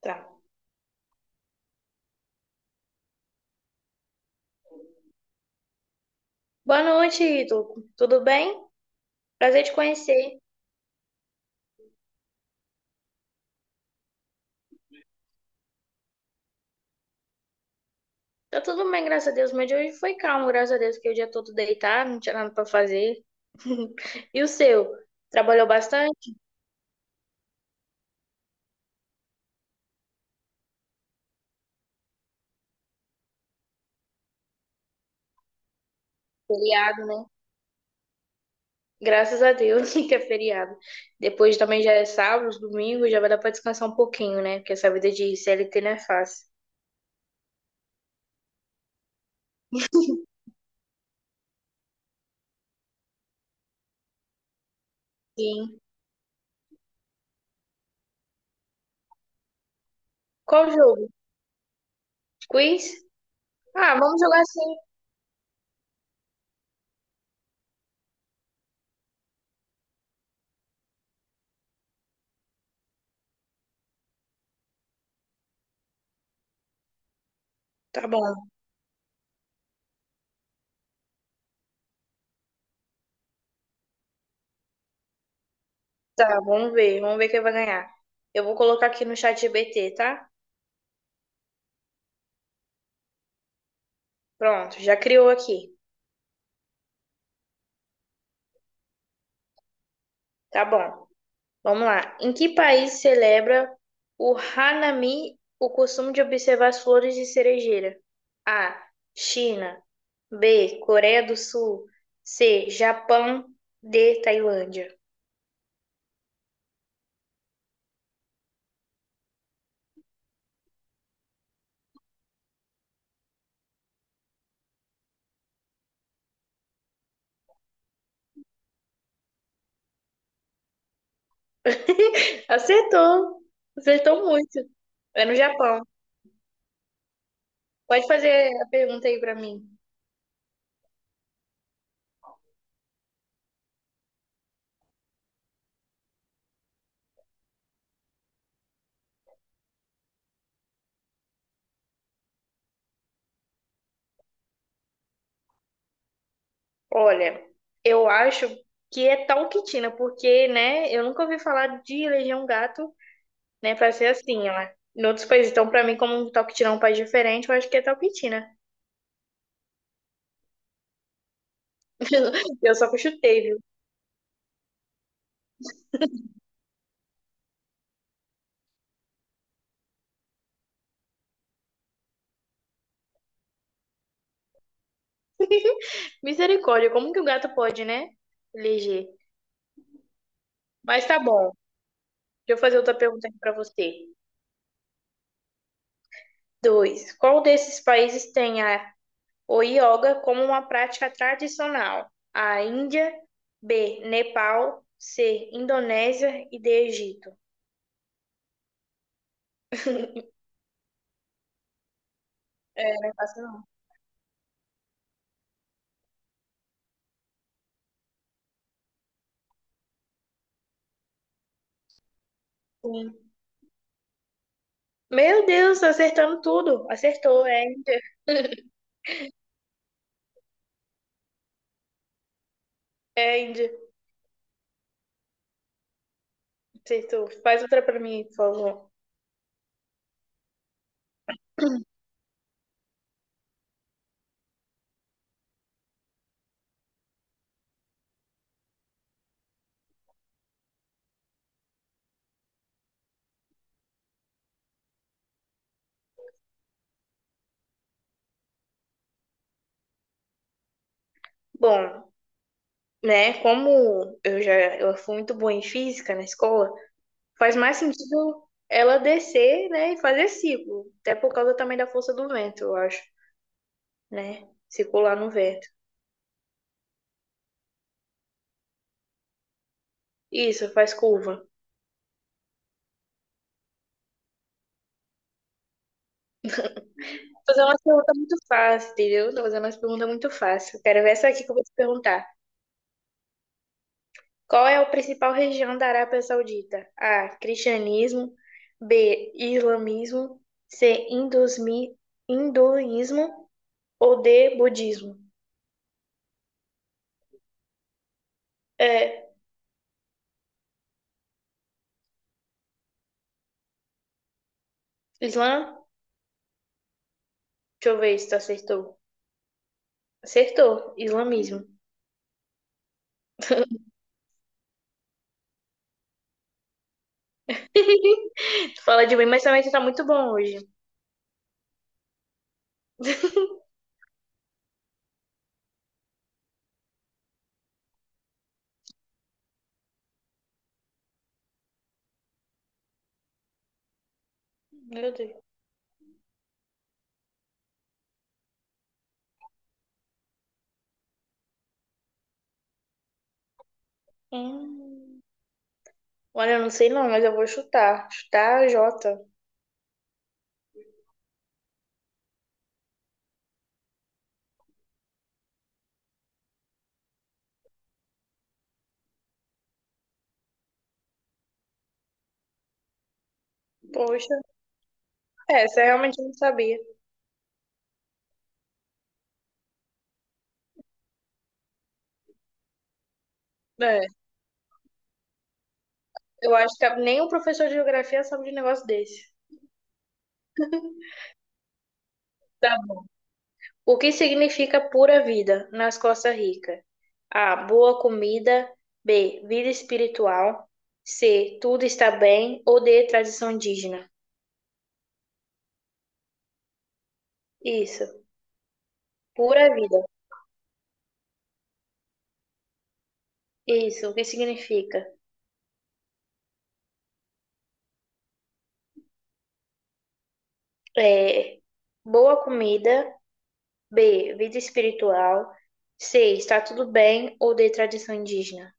Tá. Boa noite, Ítalo. Tudo bem? Prazer te conhecer. Tá tudo bem, graças a Deus. Meu dia hoje foi calmo, graças a Deus, que o dia todo deitado, não tinha nada pra fazer. E o seu? Trabalhou bastante? Feriado, né? Graças a Deus que é feriado. Depois também já é sábado, domingo, já vai dar pra descansar um pouquinho, né? Porque essa vida de CLT não é fácil. Sim. Qual jogo? Quiz? Ah, vamos jogar sim. Tá bom. Tá, vamos ver. Vamos ver quem vai ganhar. Eu vou colocar aqui no chat GBT, tá? Pronto, já criou aqui. Tá bom. Vamos lá. Em que país celebra o Hanami, o costume de observar as flores de cerejeira? A. China. B. Coreia do Sul. C. Japão. D. Tailândia. Acertou. Acertou muito. É no Japão. Pode fazer a pergunta aí pra mim. Olha, eu acho que é Talquitina, porque, né, eu nunca ouvi falar de Legião Gato, né? Pra ser assim, ó. Em outros países, então, pra mim, como um toquitina é um país diferente, eu acho que é toquitina. Eu só chutei, viu? Misericórdia, como que o gato pode, né? Eleger. Mas tá bom. Deixa eu fazer outra pergunta aqui pra você. Dois. Qual desses países tem a, o yoga como uma prática tradicional? A. Índia, B, Nepal, C, Indonésia e D, Egito. É, não é fácil não. Sim. Meu Deus, tá acertando tudo. Acertou, é Índia. É Índia. Se tu faz outra pra mim, por favor. Bom, né? Como eu já eu fui muito boa em física na escola, faz mais sentido ela descer, né, e fazer ciclo, até por causa também da força do vento, eu acho, né? Circular no vento. Isso, faz curva. Tô fazendo uma pergunta muito fácil, entendeu? Tô fazendo uma pergunta muito fácil. Quero ver essa aqui que eu vou te perguntar. Qual é a principal região da Arábia Saudita? A. Cristianismo. B. Islamismo. C. Hinduísmo. Ou D, budismo. É, Islã, deixa eu ver se tu acertou. Acertou, islamismo. Tu fala de mim, mas também tu tá muito bom hoje. Meu Deus. Hum. Olha, eu não sei não, mas eu vou chutar. Chutar J. Poxa, é, essa eu realmente não sabia. É, eu acho que nem o professor de geografia sabe de um negócio desse. Tá. O que significa pura vida nas Costa Rica? A. Boa comida. B. Vida espiritual. C. Tudo está bem. Ou D. Tradição indígena. Isso, pura vida. Isso, o que significa? É, boa comida. B, vida espiritual. C, está tudo bem ou de tradição indígena?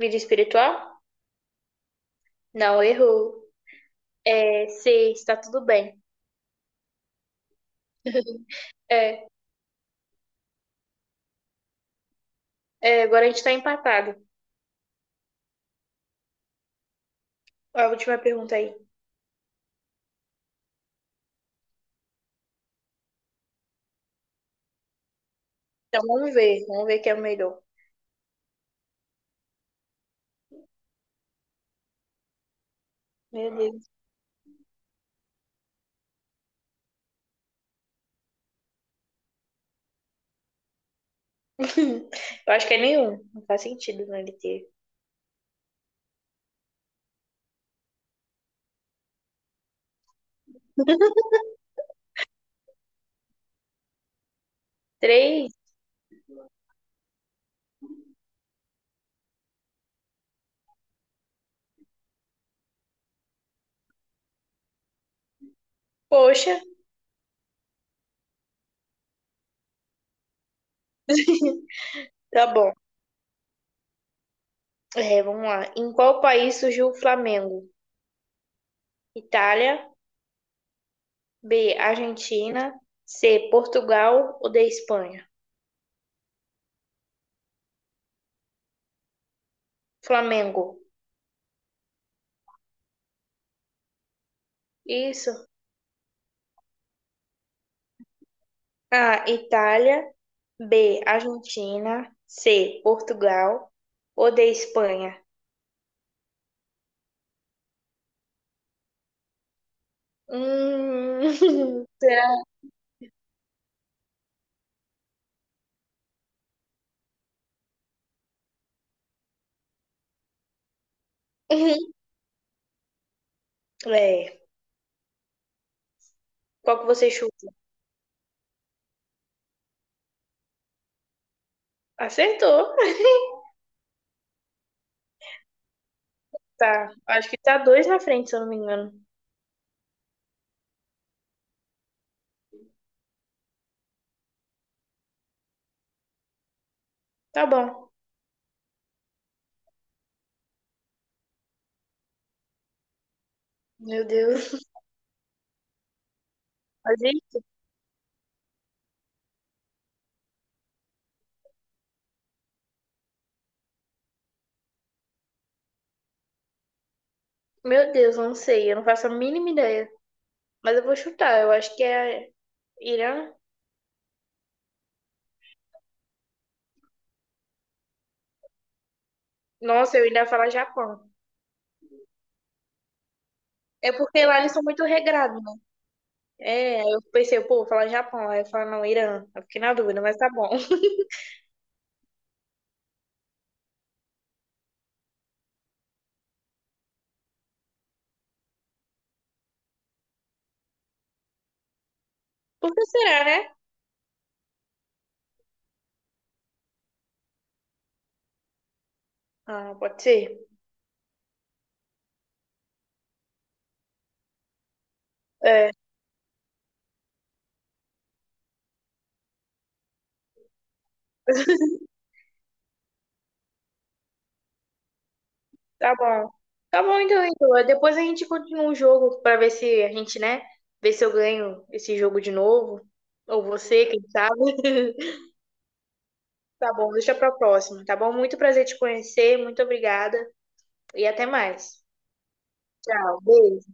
Vida espiritual? Não, errou. É, C, está tudo bem. É, é, agora a gente está empatado. A última pergunta aí. Então vamos ver quem é o melhor. Meu Deus. Eu acho que é nenhum. Não faz sentido, né, ele ter. Três? Poxa, tá bom. É, vamos lá. Em qual país surgiu o Flamengo? Itália, B, Argentina, C, Portugal ou D, Espanha? Flamengo. Isso. A, Itália, B, Argentina, C, Portugal ou D, Espanha? Hum, será? É. Qual que você chuta? Acertou. Tá. Acho que tá dois na frente, se eu não me engano. Tá bom. Meu Deus. Mas isso? Meu Deus, eu não sei. Eu não faço a mínima ideia. Mas eu vou chutar. Eu acho que é Irã. Nossa, eu ainda ia falar Japão. É porque lá eles são muito regrados, né? É, aí eu pensei, pô, vou falar Japão. Aí eu falo, não, Irã. Eu fiquei na dúvida, mas tá bom. Por que será, né? Ah, pode ser. É, tá bom. Tá bom, então, Ítalo. Depois a gente continua o jogo pra ver se a gente, né? Ver se eu ganho esse jogo de novo. Ou você, quem sabe. Tá bom, deixa pra próxima, tá bom? Muito prazer te conhecer, muito obrigada. E até mais. Tchau, beijo.